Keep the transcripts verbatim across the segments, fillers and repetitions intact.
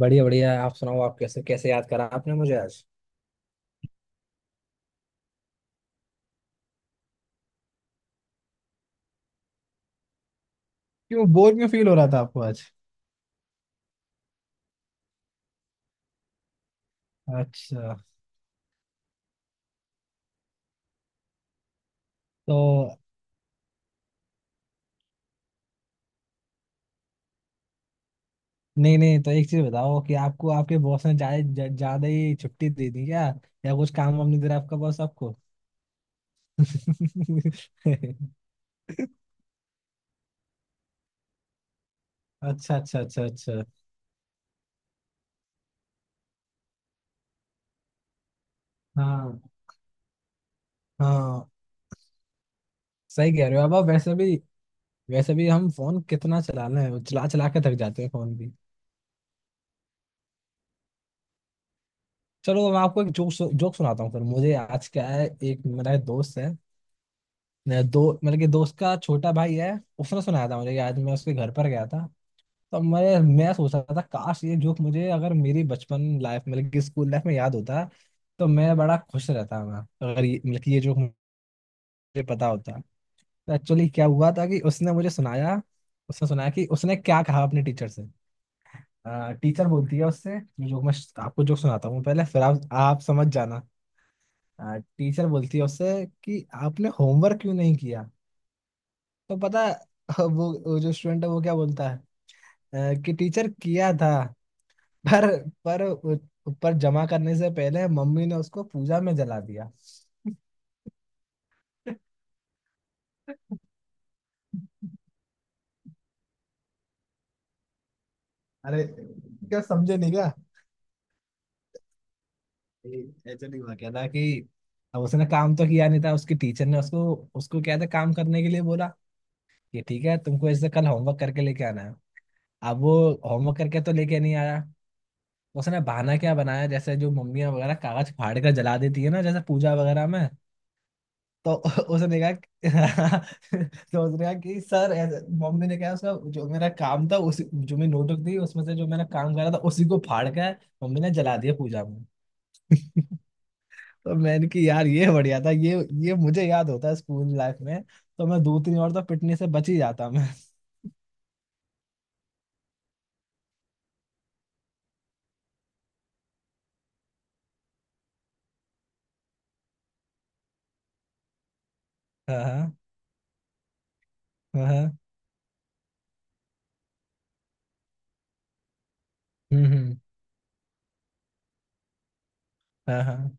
बढ़िया बढ़िया। आप सुनाओ, आप कैसे कैसे याद करा आपने मुझे आज। क्यों बोर क्यों फील हो रहा था आपको आज। अच्छा। तो नहीं नहीं, तो एक चीज बताओ कि आपको आपके बॉस ने ज्यादा ज्या- ज्यादा ही छुट्टी दे दी क्या। या कुछ काम वाम नहीं दे रहा आपका बॉस आपको? अच्छा अच्छा अच्छा अच्छा। हाँ हाँ। सही कह रहे हो। अब आप वैसे भी, वैसे भी हम फोन कितना चला लें, चला चला के थक जाते हैं फोन भी। चलो, मैं आपको एक जोक जोक सुनाता हूँ। फिर मुझे आज क्या है, एक मेरा एक दोस्त है। मेरा दो, मतलब कि दोस्त का छोटा भाई है। उसने सुनाया था, मुझे याद मैं उसके घर पर गया था। तो मैं मैं सोच रहा था, काश ये जोक मुझे अगर मेरी बचपन लाइफ मतलब कि स्कूल लाइफ में याद होता। तो मैं बड़ा खुश रहता मैं, अगर ये मतलब कि ये जोक मुझे पता होता। तो एक्चुअली क्या हुआ था कि उसने मुझे सुनाया, उसने सुनाया कि उसने क्या कहा अपने टीचर से। आ, टीचर बोलती है उससे, ये जोक मैं आपको जोक सुनाता हूँ पहले, फिर आप आप समझ जाना। आ, टीचर बोलती है उससे कि आपने होमवर्क क्यों नहीं किया। तो पता है, वो वो जो स्टूडेंट है वो क्या बोलता है। अ, कि टीचर किया था, पर पर ऊपर जमा करने से पहले मम्मी ने उसको पूजा में जला दिया। अरे क्या समझे नहीं क्या? ये ऐसा नहीं हुआ क्या था कि अब उसने काम तो किया नहीं था, उसकी टीचर ने उसको उसको क्या था, काम करने के लिए बोला कि ठीक है, तुमको ऐसे कल होमवर्क करके लेके आना है। अब वो होमवर्क करके तो लेके नहीं आया। उसने बहाना क्या बनाया, जैसे जो मम्मियाँ वगैरह कागज फाड़ कर जला देती है ना, जैसे पूजा वगैरह में। तो उसने कहा कि- तो उसने कहा कि सर, ऐसे मम्मी ने कहा, उसका जो मेरा काम था उसी, जो मैं नोटबुक दी उसमें से जो मैंने काम करा था उसी को फाड़ के मम्मी ने जला दिया पूजा में। तो मैंने कि यार ये बढ़िया था ये ये मुझे याद होता है स्कूल लाइफ में। तो मैं दो तीन और तो पिटने से बच ही जाता मैं। हाँ हाँ हाँ हाँ। हम्म हम्म। हाँ हाँ।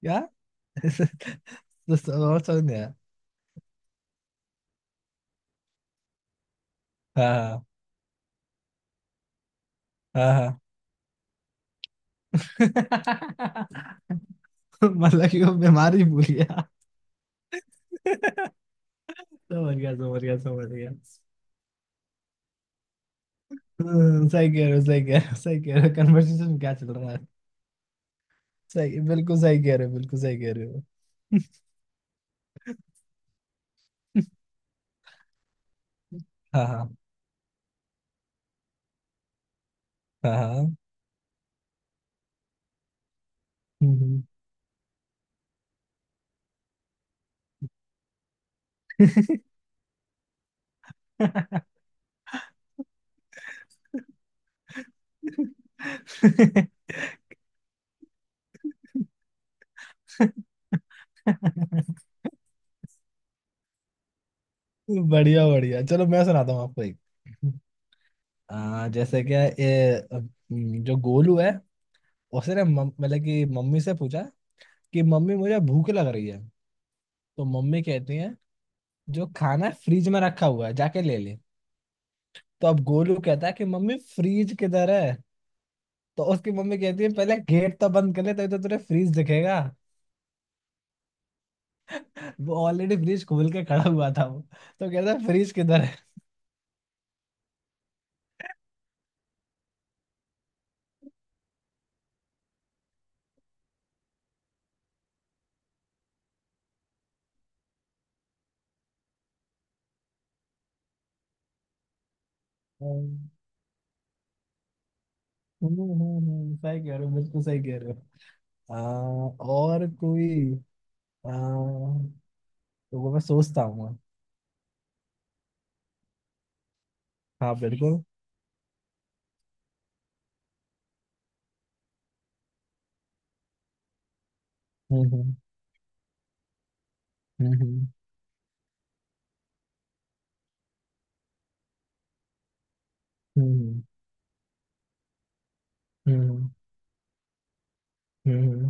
क्या? तो स- और समझ नहीं आया। हाँ हाँ हाँ हाँ। मतलब कि वो बीमारी भूल गया। समझ गया समझ गया समझ गया। हम्म। सही कह रहे हो सही कह रहे हो सही कह रहे हो, कन्वर्सेशन क्या चल रहा है। सही बिल्कुल सही कह रहे हो, बिल्कुल सही कह रहे हो। हाँ हाँ हाँ हाँ। हम्म। हम्म। बढ़िया बढ़िया। चलो, मैं सुनाता हूँ आपको एक। आ, जैसे क्या ये, अ, जो गोलू है, उसने मम- मतलब कि मम्मी से पूछा कि मम्मी मुझे भूख लग रही है। तो मम्मी कहती है, जो खाना फ्रिज में रखा हुआ है जाके ले ले। तो अब गोलू कहता है कि मम्मी, फ्रिज किधर है? तो उसकी मम्मी कहती है, पहले गेट तो बंद कर ले, तभी तो तुझे फ्रिज दिखेगा। वो ऑलरेडी फ्रिज खोल के खड़ा हुआ था वो, तो कहता है फ्रिज किधर है। हम्म। हम्म। हम्म। सही कह रहे हो, बिल्कुल सही कह रहे हो। आ, और कोई। आ, तो वो मैं सोचता हूँ। हाँ बिल्कुल। हम्म हम्म हम्म हम्म हम्म हम्म हम्म। हम्म।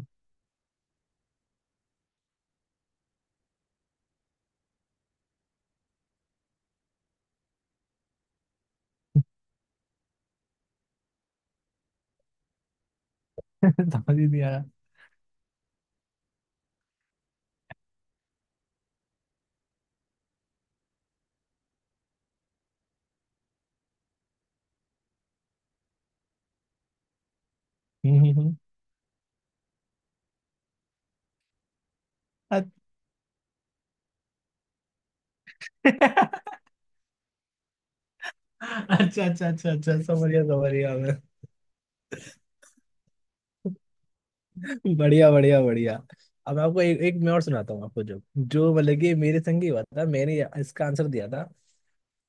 समझ ही नहीं आया। हम्म। हम्म। हम्म। अच्छा। अच्छा अच्छा अच्छा, समझ गया समझ गया मैं। बढ़िया बढ़िया बढ़िया। अब आपको एक एक मैं और सुनाता हूँ आपको, जो जो मतलब कि मेरे संग ही हुआ था, मैंने इसका आंसर दिया था।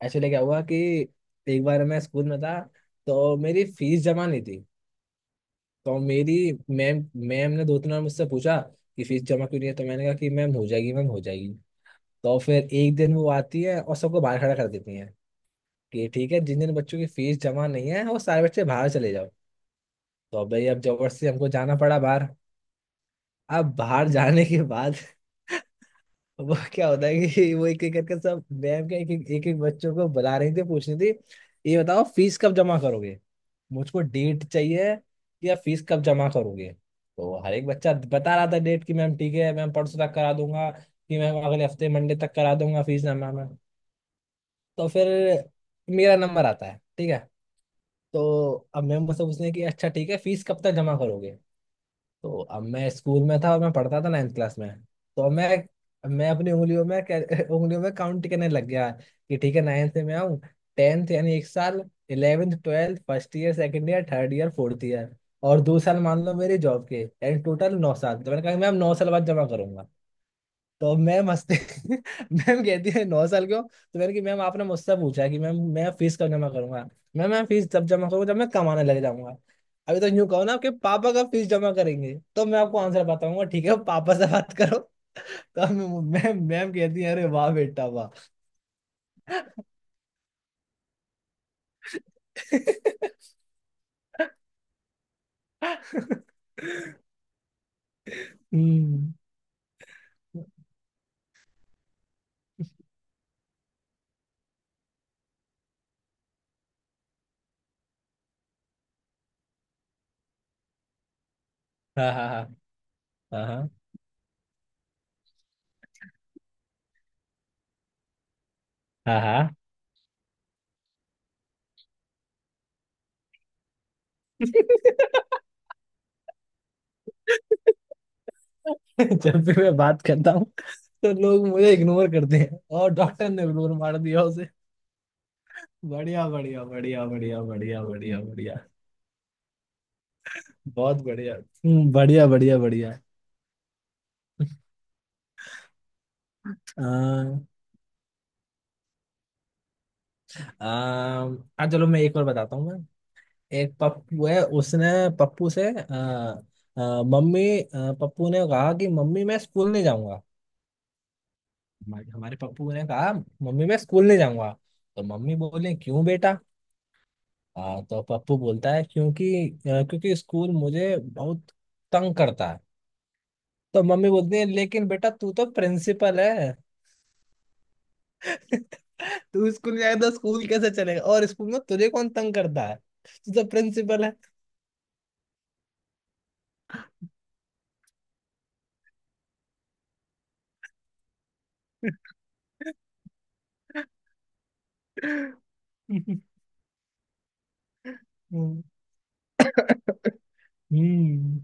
एक्चुअली क्या हुआ कि एक बार मैं स्कूल में था, तो मेरी फीस जमा नहीं थी। तो मेरी मैम मैम ने दो तीन बार मुझसे पूछा कि फीस जमा क्यों नहीं है, तो मैंने कहा कि मैम हो जाएगी, मैम हो जाएगी। तो फिर एक दिन वो आती है और सबको बाहर खड़ा कर देती है कि ठीक है, जिन जिन बच्चों की फीस जमा नहीं है वो सारे बच्चे बाहर चले जाओ। तो अब भाई, अब जबरदस्ती हमको जाना पड़ा बाहर। अब बाहर जाने के बाद वो क्या होता है कि वो एक एक करके, सब मैम के एक एक, एक, एक बच्चों को बुला रही थी, पूछ रही थी, ये बताओ फीस कब जमा करोगे। मुझको डेट चाहिए कि आप फीस कब जमा करोगे। तो हर एक बच्चा बता रहा था डेट कि, मैम ठीक है मैम परसों तक करा दूंगा, कि मैम अगले हफ्ते मंडे तक करा दूंगा फीस जमा मैं। तो फिर मेरा नंबर आता है, ठीक है। तो अब मैम मुझसे पूछने की, अच्छा ठीक है, फीस कब तक जमा करोगे। तो अब मैं स्कूल में था और मैं पढ़ता था नाइन्थ क्लास में। तो मैं मैं अपनी उंगलियों में कै- उंगलियों में काउंट करने लग गया कि ठीक है, नाइन्थ से मैं आऊँ, टेंथ, यानी एक साल, eleventh, twelfth, first year, second year, third year, fourth year, और दो साल मान लो मेरी जॉब के, यानी टोटल नौ साल। तो मैंने कहा कि मैम, नौ साल बाद जमा करूंगा। तो मैं मस्ती। मैम कहती है, नौ साल के हो? तो मैंने कि मैम, आपने मुझसे पूछा कि मैम मैं फीस कब जमा करूंगा। मैम, मैं फीस तब जमा करूंगा जब मैं कमाने लग जाऊंगा। अभी तो यूं कहो ना, आपके पापा का फीस जमा करेंगे तो मैं आपको आंसर बताऊंगा, ठीक है पापा से बात करो। तो मैं- मैम मैम कहती है, अरे वाह बेटा वाह। हम्म। हाँ हाँ हाँ हाँ हाँ हाँ हाँ। जब भी मैं बात करता हूँ तो लोग मुझे इग्नोर करते हैं, और डॉक्टर ने इग्नोर मार दिया उसे। बढ़िया बढ़िया बढ़िया बढ़िया बढ़िया बढ़िया बढ़िया। बहुत बढ़िया। हम्म। बढ़िया बढ़िया बढ़िया। अम, अम, हाँ चलो, मैं एक और बताता हूँ मैं। एक पप्पू है उसने पप्पू से, अ, अ, मम्मी, अ, पप्पू ने कहा कि मम्मी, मैं स्कूल नहीं जाऊंगा। हमारे हमारे पप्पू ने कहा, मम्मी मैं स्कूल नहीं जाऊंगा। तो मम्मी बोले, क्यों बेटा? हाँ, तो पप्पू बोलता है क्योंकि अ, क्योंकि स्कूल मुझे बहुत तंग करता है। तो मम्मी बोलती है, लेकिन बेटा तू तो प्रिंसिपल है। तू स्कूल जाएगा तो स्कूल कैसे चलेगा, और स्कूल में तुझे कौन तंग करता है? तू तो प्रिंसिपल है। हम्म हम्म।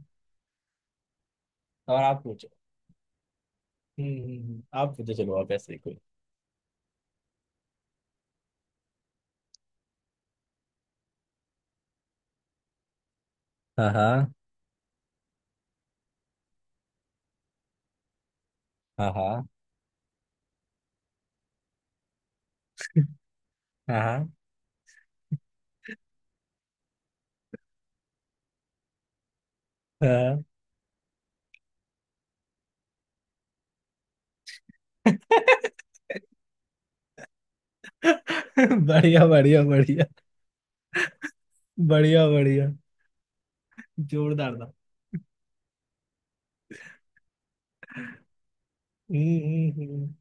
और आप पूछो। हम्म हम्म। हम्म। आप पूछो, चलो आप ऐसे ही कोई। हाँ हाँ हाँ हाँ हाँ हाँ। बढ़िया बढ़िया बढ़िया बढ़िया बढ़िया। जोरदार था। हम्म हम्म। हम्म।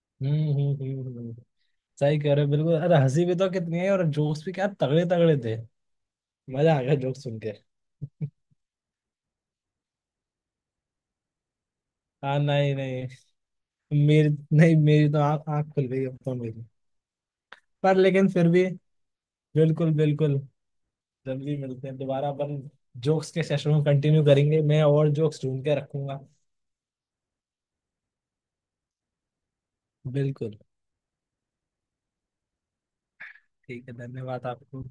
हम्म हम्म हम्म। हम्म। हम्म। सही कह रहे हो बिल्कुल, अरे हंसी भी तो कितनी है और जोक्स भी क्या तगड़े तगड़े थे। मजा आ गया जोक्स सुन के। हाँ नहीं नहीं। मेरी, नहीं मेरी तो आँख आँख खुल गई अब तो। मेरी, पर लेकिन फिर भी। बिल्कुल बिल्कुल। जल्दी मिलते हैं दोबारा, अपन जोक्स के सेशन को कंटिन्यू करेंगे, मैं और जोक्स ढूंढ के रखूंगा। बिल्कुल। ठीक है, धन्यवाद आपको।